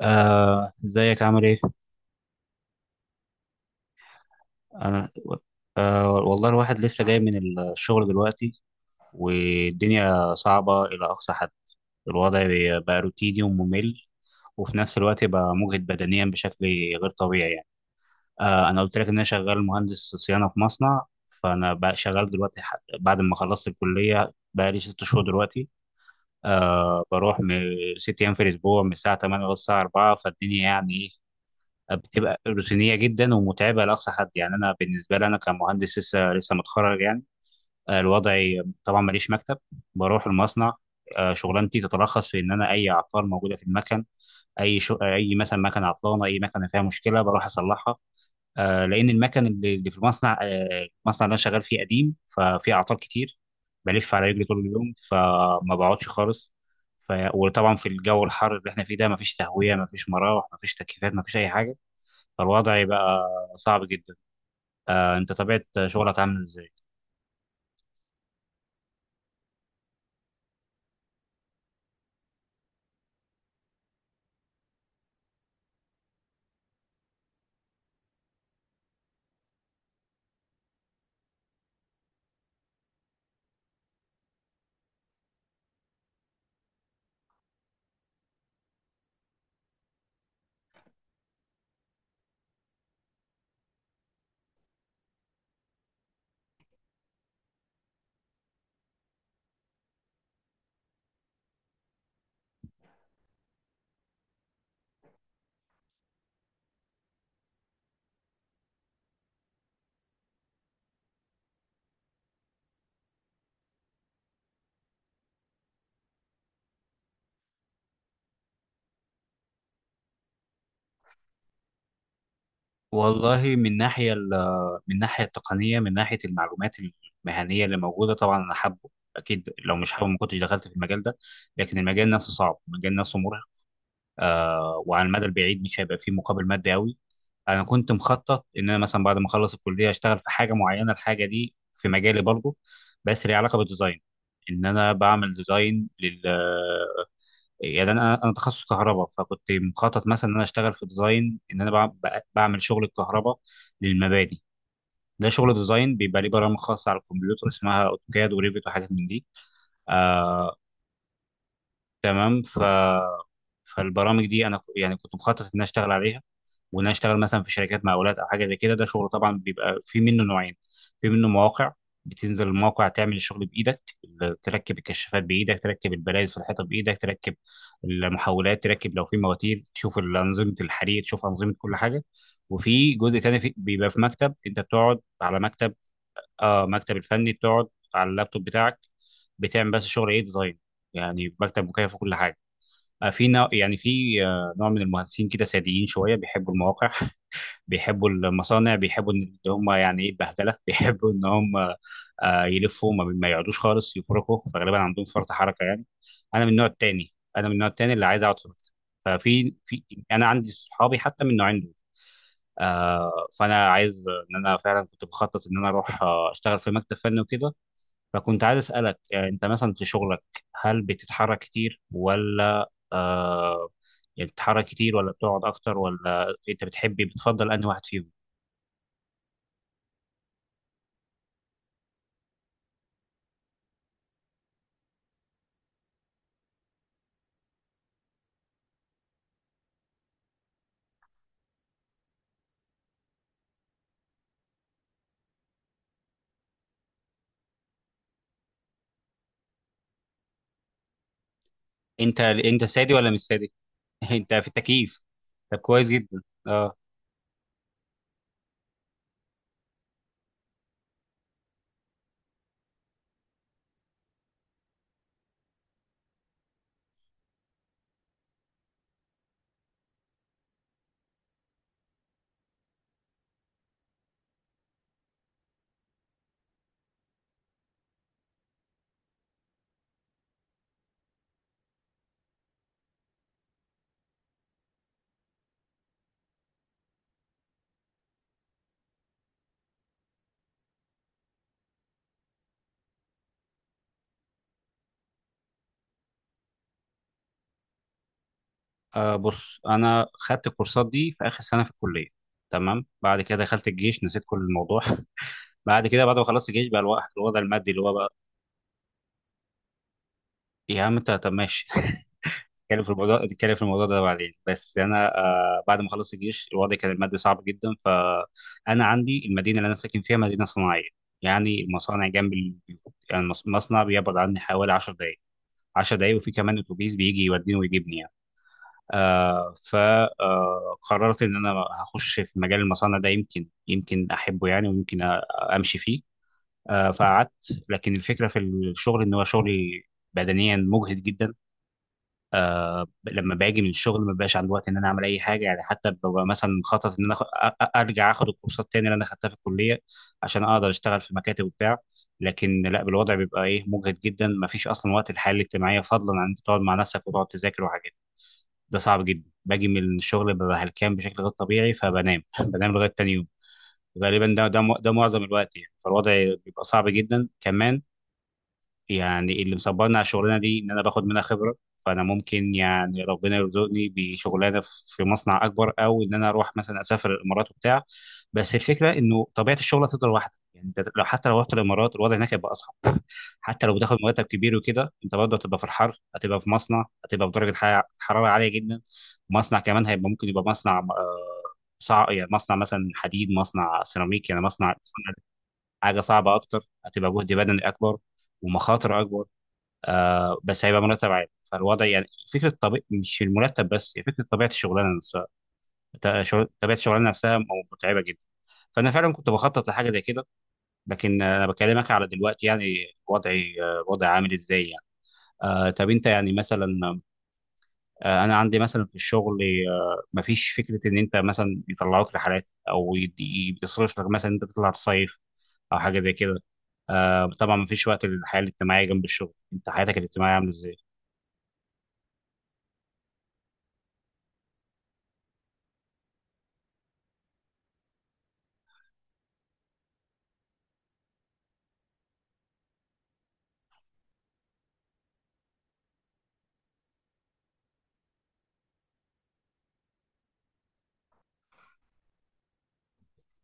ازيك عامل ايه؟ انا آه، والله الواحد لسه جاي من الشغل دلوقتي، والدنيا صعبة الى اقصى حد. الوضع بقى روتيني وممل، وفي نفس الوقت بقى مجهد بدنيا بشكل غير طبيعي يعني. انا قلت لك ان انا شغال مهندس صيانة في مصنع. فانا بقى شغال دلوقتي، بعد ما خلصت الكلية بقى لي 6 شهور دلوقتي. بروح من 6 ايام في الاسبوع من الساعة 8 للساعة 4، فالدنيا يعني إيه؟ بتبقى روتينيه جدا ومتعبه لاقصى حد. يعني انا بالنسبه لي انا كمهندس لسه لسه متخرج يعني. الوضع طبعا ماليش مكتب، بروح المصنع. شغلانتي تتلخص في ان انا اي عطار موجوده في المكن، اي مثلا مكنه عطلانه، اي مكنه فيها مشكله بروح اصلحها. لان المكن اللي في المصنع، المصنع اللي انا شغال فيه قديم، ففي اعطال كتير. بلف على رجلي طول اليوم فما بقعدش خالص. وطبعا في الجو الحر اللي احنا فيه ده مفيش تهويه، مفيش مراوح، مفيش تكييفات، مفيش اي حاجه، فالوضع يبقى صعب جدا. انت طبيعة شغلك عامل ازاي؟ والله من من الناحية التقنية، من ناحية المعلومات المهنية اللي موجودة، طبعا أنا حابه. أكيد لو مش حابه ما كنتش دخلت في المجال ده. لكن المجال نفسه صعب، المجال نفسه مرهق. آه، وعلى المدى البعيد مش هيبقى فيه مقابل مادي أوي. أنا كنت مخطط إن أنا مثلا بعد ما أخلص الكلية أشتغل في حاجة معينة. الحاجة دي في مجالي برضه، بس ليها علاقة بالديزاين، إن أنا بعمل ديزاين. يعني انا تخصص كهرباء، فكنت مخطط مثلا ان انا اشتغل في ديزاين، ان انا بعمل شغل الكهرباء للمباني. ده شغل ديزاين بيبقى ليه برامج خاصه على الكمبيوتر اسمها اوتوكاد وريفيت وحاجات من دي. آه، تمام. فالبرامج دي انا يعني كنت مخطط ان انا اشتغل عليها، وان انا اشتغل مثلا في شركات مقاولات او حاجه زي كده. ده شغل طبعا بيبقى في منه نوعين. في منه مواقع، بتنزل الموقع تعمل الشغل بايدك، تركب الكشافات بايدك، تركب البلايز في الحيطه بايدك، تركب المحولات، تركب لو في مواتير، تشوف انظمه الحريق، تشوف انظمه كل حاجه. وفي جزء تاني بيبقى في مكتب، انت بتقعد على مكتب. اه، مكتب الفني، بتقعد على اللابتوب بتاعك، بتعمل بس شغل ايه؟ ديزاين، يعني مكتب مكيف وكل حاجه. في نوع، يعني في نوع من المهندسين كده ساديين شويه، بيحبوا المواقع، بيحبوا المصانع، بيحبوا ان هم يعني ايه البهدله. بيحبوا ان هم يلفوا، ما يقعدوش خالص، يفركوا، فغالبا عندهم فرط حركه يعني. انا من النوع التاني، انا من النوع التاني اللي عايز اقعد في المكتب. ففي انا عندي صحابي حتى من النوعين دول. آه، فانا عايز ان انا فعلا كنت بخطط ان انا اروح اشتغل في مكتب فني وكده. فكنت عايز اسالك، انت مثلا في شغلك هل بتتحرك كتير ولا يعني، بتتحرك كتير ولا بتقعد اكتر؟ ولا انت بتحبي بتفضل انهي واحد فيهم؟ انت سادي ولا مش سادي؟ انت في التكييف. طب كويس جدا، اه. بص، انا خدت الكورسات دي في اخر سنه في الكليه، تمام. بعد كده دخلت الجيش، نسيت كل الموضوع. بعد كده، بعد ما خلصت الجيش، بقى الوضع المادي اللي هو بقى. يا عم انت طب ماشي. نتكلم في الموضوع، نتكلم في الموضوع ده بعدين. بس انا، بعد ما خلصت الجيش الوضع كان المادي صعب جدا. فانا عندي المدينه اللي انا ساكن فيها مدينه صناعيه، يعني المصانع جنب البيوت، يعني المصنع بيبعد عني حوالي 10 دقائق، 10 دقايق، وفي كمان اتوبيس بيجي يوديني ويجيبني يعني. آه، فقررت ان انا هخش في مجال المصانع ده، يمكن يمكن احبه يعني، ويمكن امشي فيه. آه، فقعدت. لكن الفكره في الشغل ان هو شغلي بدنيا مجهد جدا. لما باجي من الشغل ما بقاش عندي وقت ان انا اعمل اي حاجه يعني. حتى ببقى مثلا مخطط ان انا ارجع اخد الكورسات تاني اللي انا خدتها في الكليه، عشان اقدر اشتغل في مكاتب وبتاع. لكن لا، بالوضع بيبقى ايه، مجهد جدا، ما فيش اصلا وقت الحياه الاجتماعيه، فضلا عن انت تقعد مع نفسك وتقعد تذاكر وحاجات. ده صعب جدا. باجي من الشغل ببقى هلكان بشكل غير طبيعي، فبنام بنام لغايه تاني يوم. غالبا ده معظم الوقت يعني. فالوضع بيبقى صعب جدا كمان. يعني اللي مصبرني على الشغلانه دي ان انا باخد منها خبره. فانا ممكن يعني ربنا يرزقني بشغلانه في مصنع اكبر، او ان انا اروح مثلا اسافر الامارات وبتاع. بس الفكره انه طبيعه الشغل هتفضل واحده يعني. انت لو حتى لو رحت الامارات الوضع هناك هيبقى اصعب. حتى لو بتاخد مرتب كبير وكده، انت برضه هتبقى في الحر، هتبقى في مصنع، هتبقى في درجه حراره عاليه جدا. مصنع كمان هيبقى ممكن يبقى مصنع، يعني مصنع مثلا حديد، مصنع سيراميك، يعني مصنع حاجه صعبه اكتر، هتبقى جهد بدني اكبر، ومخاطر اكبر. آه، بس هيبقى مرتب عالي. فالوضع يعني فكره طبيعي، مش المرتب بس، هي فكره طبيعه الشغلانه نفسها. طبيعه الشغلانه نفسها متعبه جدا. فانا فعلا كنت بخطط لحاجه زي كده. لكن انا بكلمك على دلوقتي يعني، وضعي، وضعي عامل ازاي يعني. آه، طب انت يعني مثلا، انا عندي مثلا في الشغل، مفيش فكره ان انت مثلا يطلعوك رحلات، او يصرف لك مثلا انت تطلع تصيف او حاجه زي كده. طبعا مفيش وقت للحياه الاجتماعيه جنب الشغل، انت حياتك الاجتماعيه عامله ازاي؟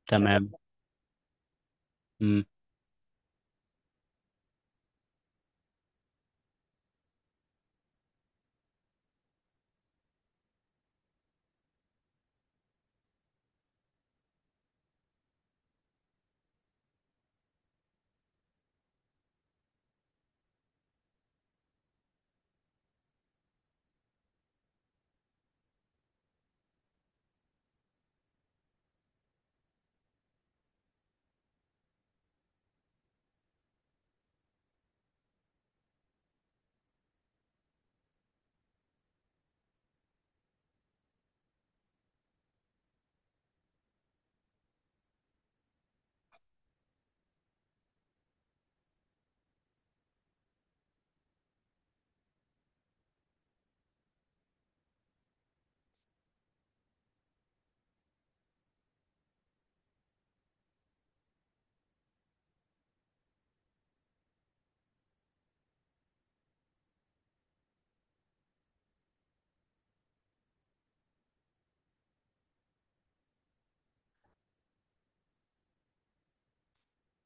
تمام. مم.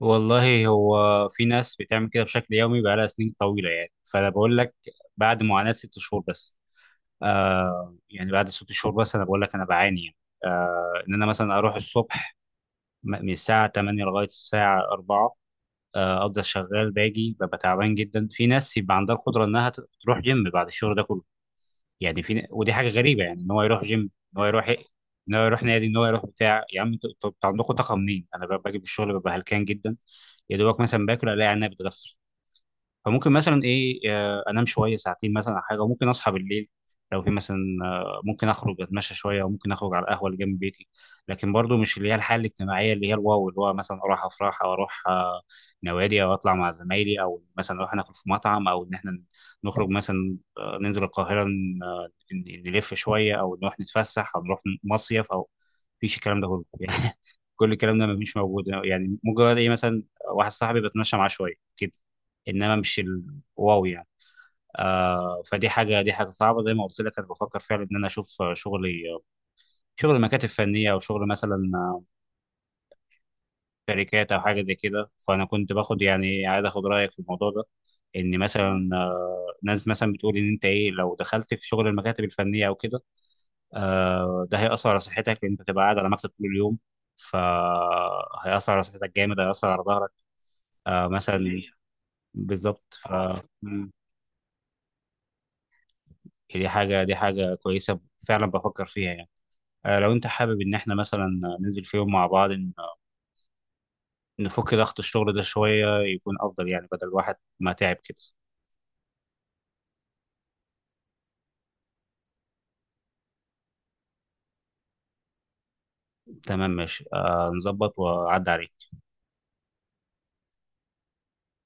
والله هو في ناس بتعمل كده بشكل يومي بقالها سنين طويله يعني. فانا بقول لك بعد معاناه 6 شهور بس. آه، يعني بعد 6 شهور بس انا بقول لك انا بعاني يعني. آه، ان انا مثلا اروح الصبح من الساعه 8 لغايه الساعه 4، افضل شغال، باجي ببقى تعبان جدا. في ناس يبقى عندها القدره انها تروح جيم بعد الشغل ده كله. يعني ودي حاجه غريبه يعني، ان هو يروح جيم، ان هو يروح إيه؟ ان هو يروح نادي، ان هو يروح بتاع. يا عم انتوا عندكم طاقه منين؟ انا باجي من الشغل ببقى هلكان جدا. يا دوبك مثلا باكل الاقي عينيا بتغفل. فممكن مثلا ايه، انام شويه ساعتين مثلا او حاجه. وممكن اصحى بالليل لو في مثلا، ممكن اخرج اتمشى شويه، وممكن اخرج على القهوه اللي جنب بيتي. لكن برضو مش اللي هي الحاله الاجتماعيه اللي هي الواو، اللي هو مثلا اروح افراح، او اروح نوادي، او اطلع مع زمايلي، او مثلا نروح ناكل في مطعم، او ان احنا نخرج مثلا، ننزل القاهره، نلف شويه، او نروح نتفسح، او نروح مصيف، او مفيش الكلام ده كله. يعني كل الكلام ده مفيش موجود يعني. مجرد ايه مثلا، واحد صاحبي بتمشى معاه شويه كده، انما مش الواو يعني. آه، فدي حاجه دي حاجه صعبه زي ما قلت لك. انا بفكر فعلا ان انا اشوف شغل مكاتب فنيه، او شغل مثلا شركات او حاجه زي كده. فانا كنت باخد يعني عايز اخد رايك في الموضوع ده، ان مثلا ناس مثلا بتقول ان انت ايه لو دخلت في شغل المكاتب الفنيه او كده، ده هيأثر على صحتك، لان انت تبقى قاعد على مكتب طول اليوم، فهيأثر على صحتك جامد، هيأثر على ظهرك مثلا. بالظبط. يعني دي حاجة كويسة، فعلا بفكر فيها يعني. لو انت حابب ان احنا مثلا ننزل في يوم مع بعض، نفك ضغط الشغل ده شوية، يكون افضل يعني بدل الواحد ما تعب كده. تمام ماشي، نظبط واعدي عليك.